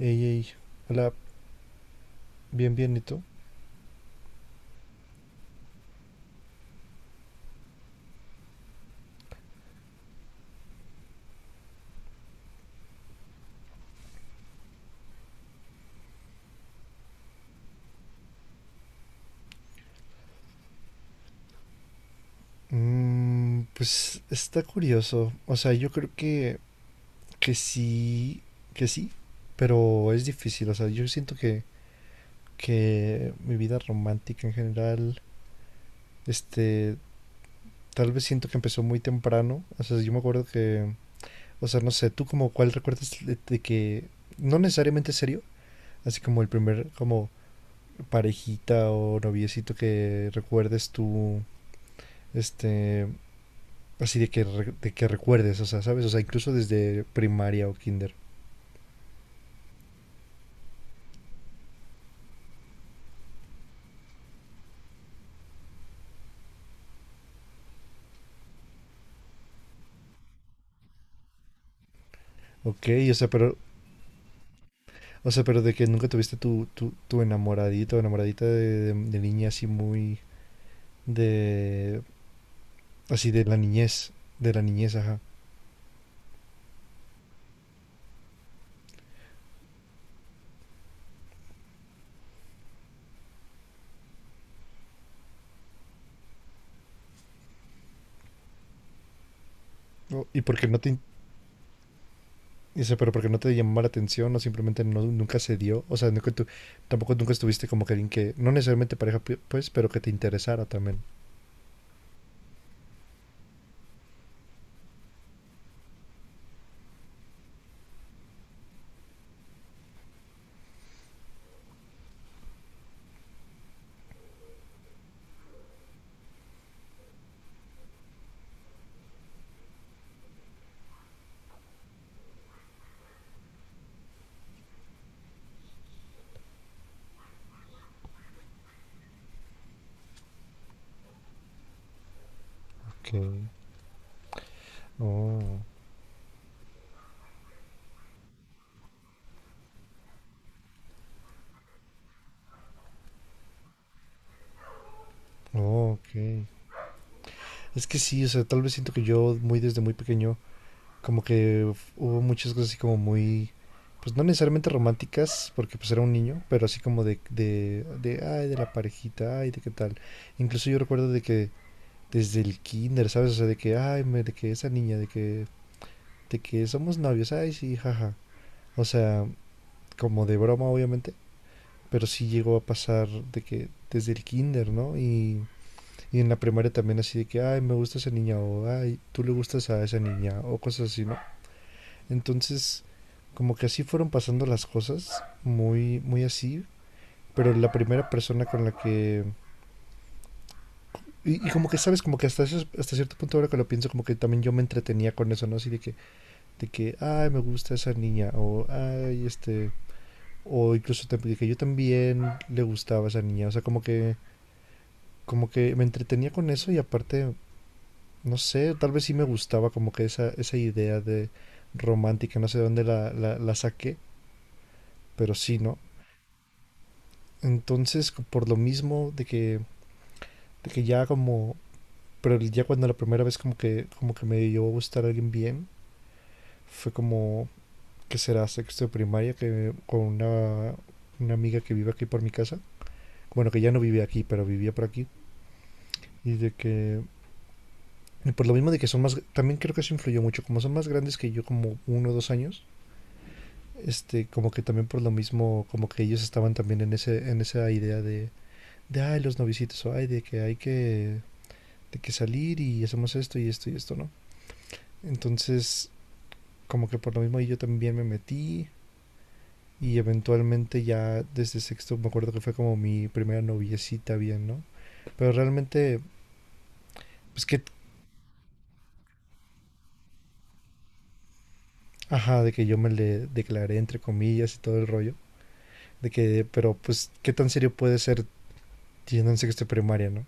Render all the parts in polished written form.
Ey, ey, hola, bien, bien, ¿y tú? Pues está curioso, o sea, yo creo que sí, que sí, pero es difícil, o sea, yo siento que mi vida romántica en general, este, tal vez siento que empezó muy temprano, o sea, yo me acuerdo que, o sea, no sé, tú como cuál recuerdas de que no necesariamente serio, así como el primer, como parejita o noviecito que recuerdes tú, este, así de que, de que recuerdes, o sea, ¿sabes? O sea, incluso desde primaria o kinder. Ok, o sea, pero de que nunca tuviste tu enamoradito o enamoradita de niña así muy de, así de la niñez, ajá. Y porque no te, o sea, pero porque no te llamó la atención o simplemente no, nunca se dio, o sea, nunca tú, tampoco nunca estuviste como que alguien que, no necesariamente pareja, pues, pero que te interesara también. Ok, oh, oh, ok. Es que sí, o sea, tal vez siento que yo muy desde muy pequeño como que hubo muchas cosas así como muy, pues no necesariamente románticas, porque pues era un niño, pero así como ay, de la parejita, ay, de qué tal. Incluso yo recuerdo de que desde el kinder, ¿sabes? O sea, de que, ay, de que esa niña, de que somos novios, ay, sí, jaja. O sea, como de broma, obviamente, pero sí llegó a pasar de que desde el kinder, ¿no? Y en la primaria también así de que, ay, me gusta esa niña, o ay, tú le gustas a esa niña, o cosas así, ¿no? Entonces, como que así fueron pasando las cosas, muy, muy así. Pero la primera persona con la que... Y, y como que, ¿sabes? Como que hasta, hasta cierto punto ahora que lo pienso, como que también yo me entretenía con eso, ¿no? Así de que, ay, me gusta esa niña, o, ay, este... O incluso de que yo también le gustaba esa niña. O sea, como que me entretenía con eso y aparte, no sé, tal vez sí me gustaba como que esa idea de romántica, no sé de dónde la saqué, pero sí, ¿no? Entonces, por lo mismo de que ya como, pero ya cuando la primera vez como que me dio a gustar a alguien bien, fue como, que será sexto de primaria, que con una amiga que vive aquí por mi casa, bueno, que ya no vivía aquí, pero vivía por aquí, y de que, y por lo mismo de que son más, también creo que eso influyó mucho, como son más grandes que yo, como 1 o 2 años, como que también por lo mismo, como que ellos estaban también en, ese, en esa idea ay, los novicitos, o ay, de que hay que de que salir y hacemos esto y esto y esto, ¿no? Entonces, como que por lo mismo yo también me metí y eventualmente ya desde sexto me acuerdo que fue como mi primera noviecita bien, ¿no? Pero realmente, pues que, ajá, de que yo me le declaré entre comillas y todo el rollo, de que, pero pues, ¿qué tan serio puede ser yendo en sexto de primaria, ¿no?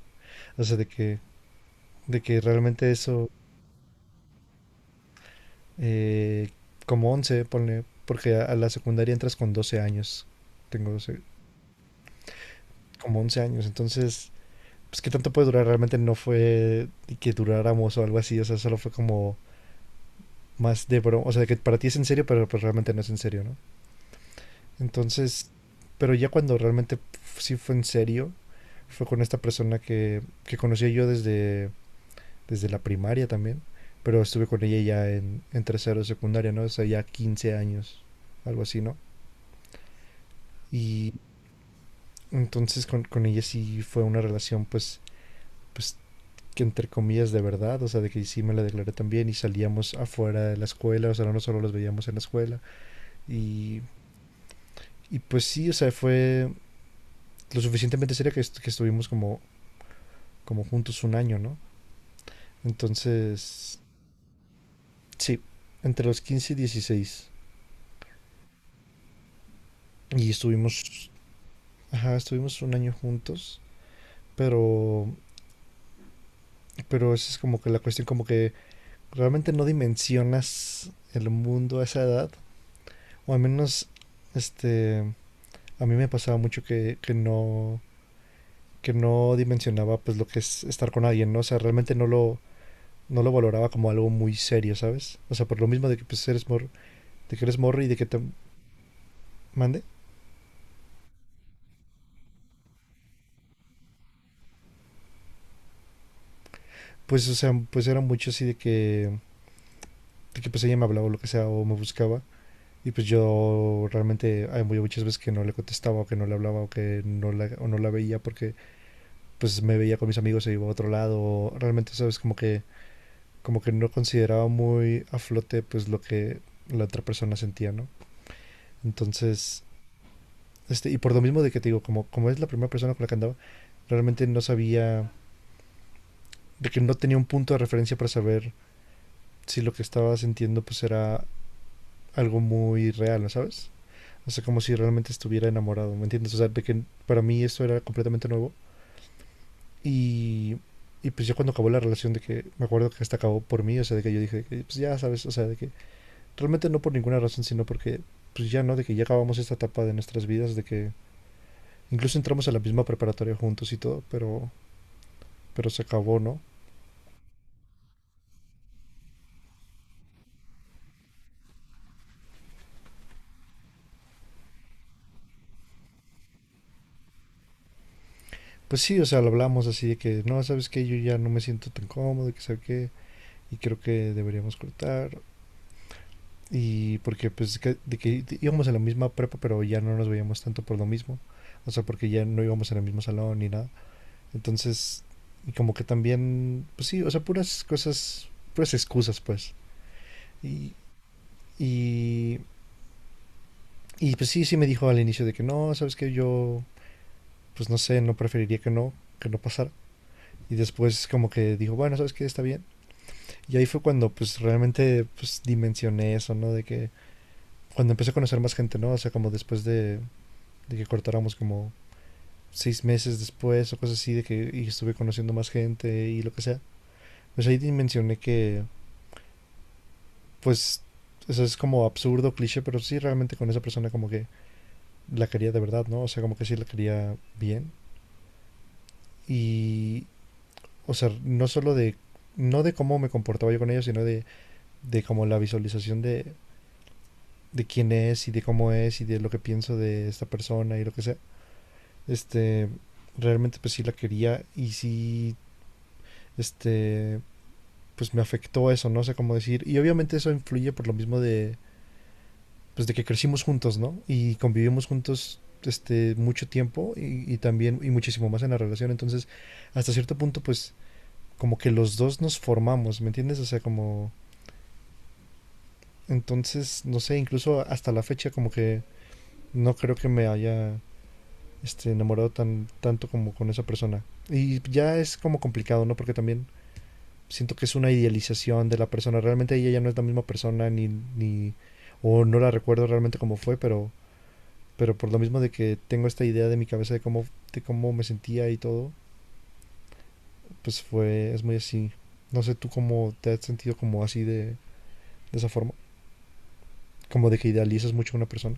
O sea, de que realmente eso, eh, como 11 ponle, porque a la secundaria entras con 12 años, tengo 12 como 11 años, entonces pues qué tanto puede durar, realmente no fue que duráramos o algo así, o sea, solo fue como más de broma, o sea, que para ti es en serio, pero pues realmente no es en serio, ¿no? Entonces, pero ya cuando realmente sí fue en serio, fue con esta persona que conocí yo desde, desde la primaria también, pero estuve con ella ya en tercero de secundaria, ¿no? O sea, ya 15 años, algo así, ¿no? Y entonces con ella sí fue una relación pues, pues que entre comillas de verdad, o sea, de que sí me la declaré también y salíamos afuera de la escuela, o sea, no solo los veíamos en la escuela. Y, y pues sí, o sea, fue lo suficientemente seria que, que estuvimos como, como juntos un año, ¿no? Entonces, sí, entre los 15 y 16 Y estuvimos, ajá, estuvimos un año juntos, pero, pero esa es como que la cuestión, como que realmente no dimensionas el mundo a esa edad, o al menos, este, a mí me pasaba mucho que no que no dimensionaba pues lo que es estar con alguien, ¿no? O sea, realmente no lo no lo valoraba como algo muy serio, ¿sabes? O sea, por lo mismo de que pues eres morro, de que eres morro y de que te mande, pues o sea, pues era mucho así de que pues ella me hablaba o lo que sea o me buscaba y pues yo realmente hay muy muchas veces que no le contestaba o que no le hablaba o que no la, o no la veía porque pues me veía con mis amigos y iba a otro lado o realmente sabes como que no consideraba muy a flote pues lo que la otra persona sentía, ¿no? Entonces, y por lo mismo de que te digo, como, como es la primera persona con la que andaba, realmente no sabía, de que no tenía un punto de referencia para saber si lo que estaba sintiendo pues era algo muy real, ¿no sabes? O sea, como si realmente estuviera enamorado, ¿me entiendes? O sea, de que para mí esto era completamente nuevo. Y, y pues yo cuando acabó la relación de que, me acuerdo que hasta acabó por mí, o sea, de que yo dije, pues ya sabes, o sea, de que Realmente no por ninguna razón, sino porque pues ya no, de que ya acabamos esta etapa de nuestras vidas, de que incluso entramos a la misma preparatoria juntos y todo, pero se acabó, ¿no? Pues sí, o sea, lo hablamos así de que, no, sabes que yo ya no me siento tan cómodo, que sabe qué, y creo que deberíamos cortar. Y porque pues de que íbamos a la misma prepa, pero ya no nos veíamos tanto por lo mismo. O sea, porque ya no íbamos en el mismo salón ni nada. Entonces, y como que también, pues sí, o sea, puras cosas, puras excusas, pues. Y, y Y pues sí, sí me dijo al inicio de que no, sabes que yo, pues no sé, no preferiría que no pasara. Y después como que dijo, bueno, sabes que está bien. Y ahí fue cuando pues realmente pues dimensioné eso, ¿no? De que cuando empecé a conocer más gente, ¿no? O sea, como después de que cortáramos como 6 meses después o cosas así, de que y estuve conociendo más gente y lo que sea. Pues ahí dimensioné que pues eso es como absurdo, cliché, pero sí realmente con esa persona como que la quería de verdad, ¿no? O sea, como que sí la quería bien. Y, o sea, no solo de, no de cómo me comportaba yo con ellos, sino de como la visualización de quién es y de cómo es y de lo que pienso de esta persona y lo que sea. Este, realmente pues sí la quería y sí, este, pues me afectó eso, no sé cómo decir. Y obviamente eso influye por lo mismo de, pues de que crecimos juntos, ¿no? Y convivimos juntos mucho tiempo y también y muchísimo más en la relación entonces hasta cierto punto pues como que los dos nos formamos me entiendes o sea como Entonces, no sé, incluso hasta la fecha como que no creo que me haya enamorado tan, tanto como con esa persona. Y ya es como complicado, ¿no? Porque también siento que es una idealización de la persona. Realmente ella ya no es la misma persona ni... ni o no la recuerdo realmente cómo fue, pero por lo mismo de que tengo esta idea de mi cabeza de cómo me sentía y todo, pues fue, es muy así. No sé tú cómo te has sentido como así de esa forma, como de que idealizas mucho a una persona.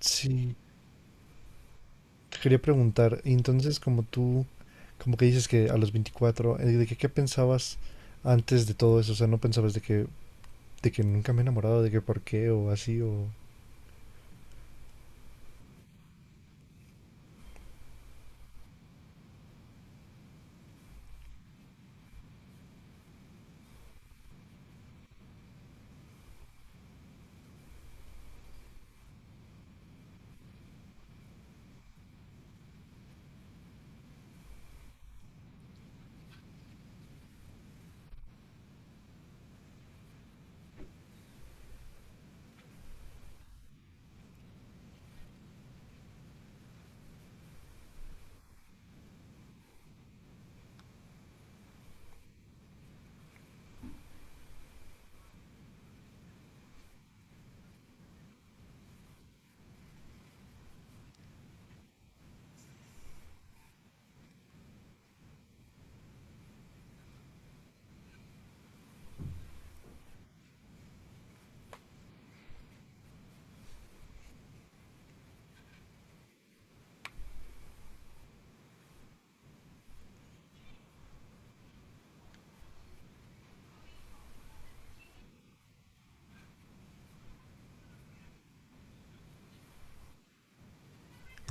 Sí, quería preguntar, entonces como tú, como que dices que a los 24 ¿de que, qué pensabas antes de todo eso? O sea, ¿no pensabas de que nunca me he enamorado, de que por qué o así o...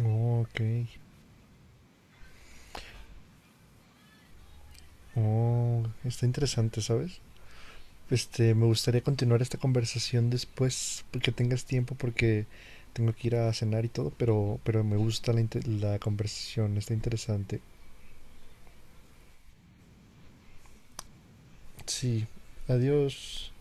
Oh, ok. Oh, está interesante, ¿sabes? Me gustaría continuar esta conversación después, que tengas tiempo porque tengo que ir a cenar y todo, pero me gusta la, la conversación, está interesante. Sí, adiós.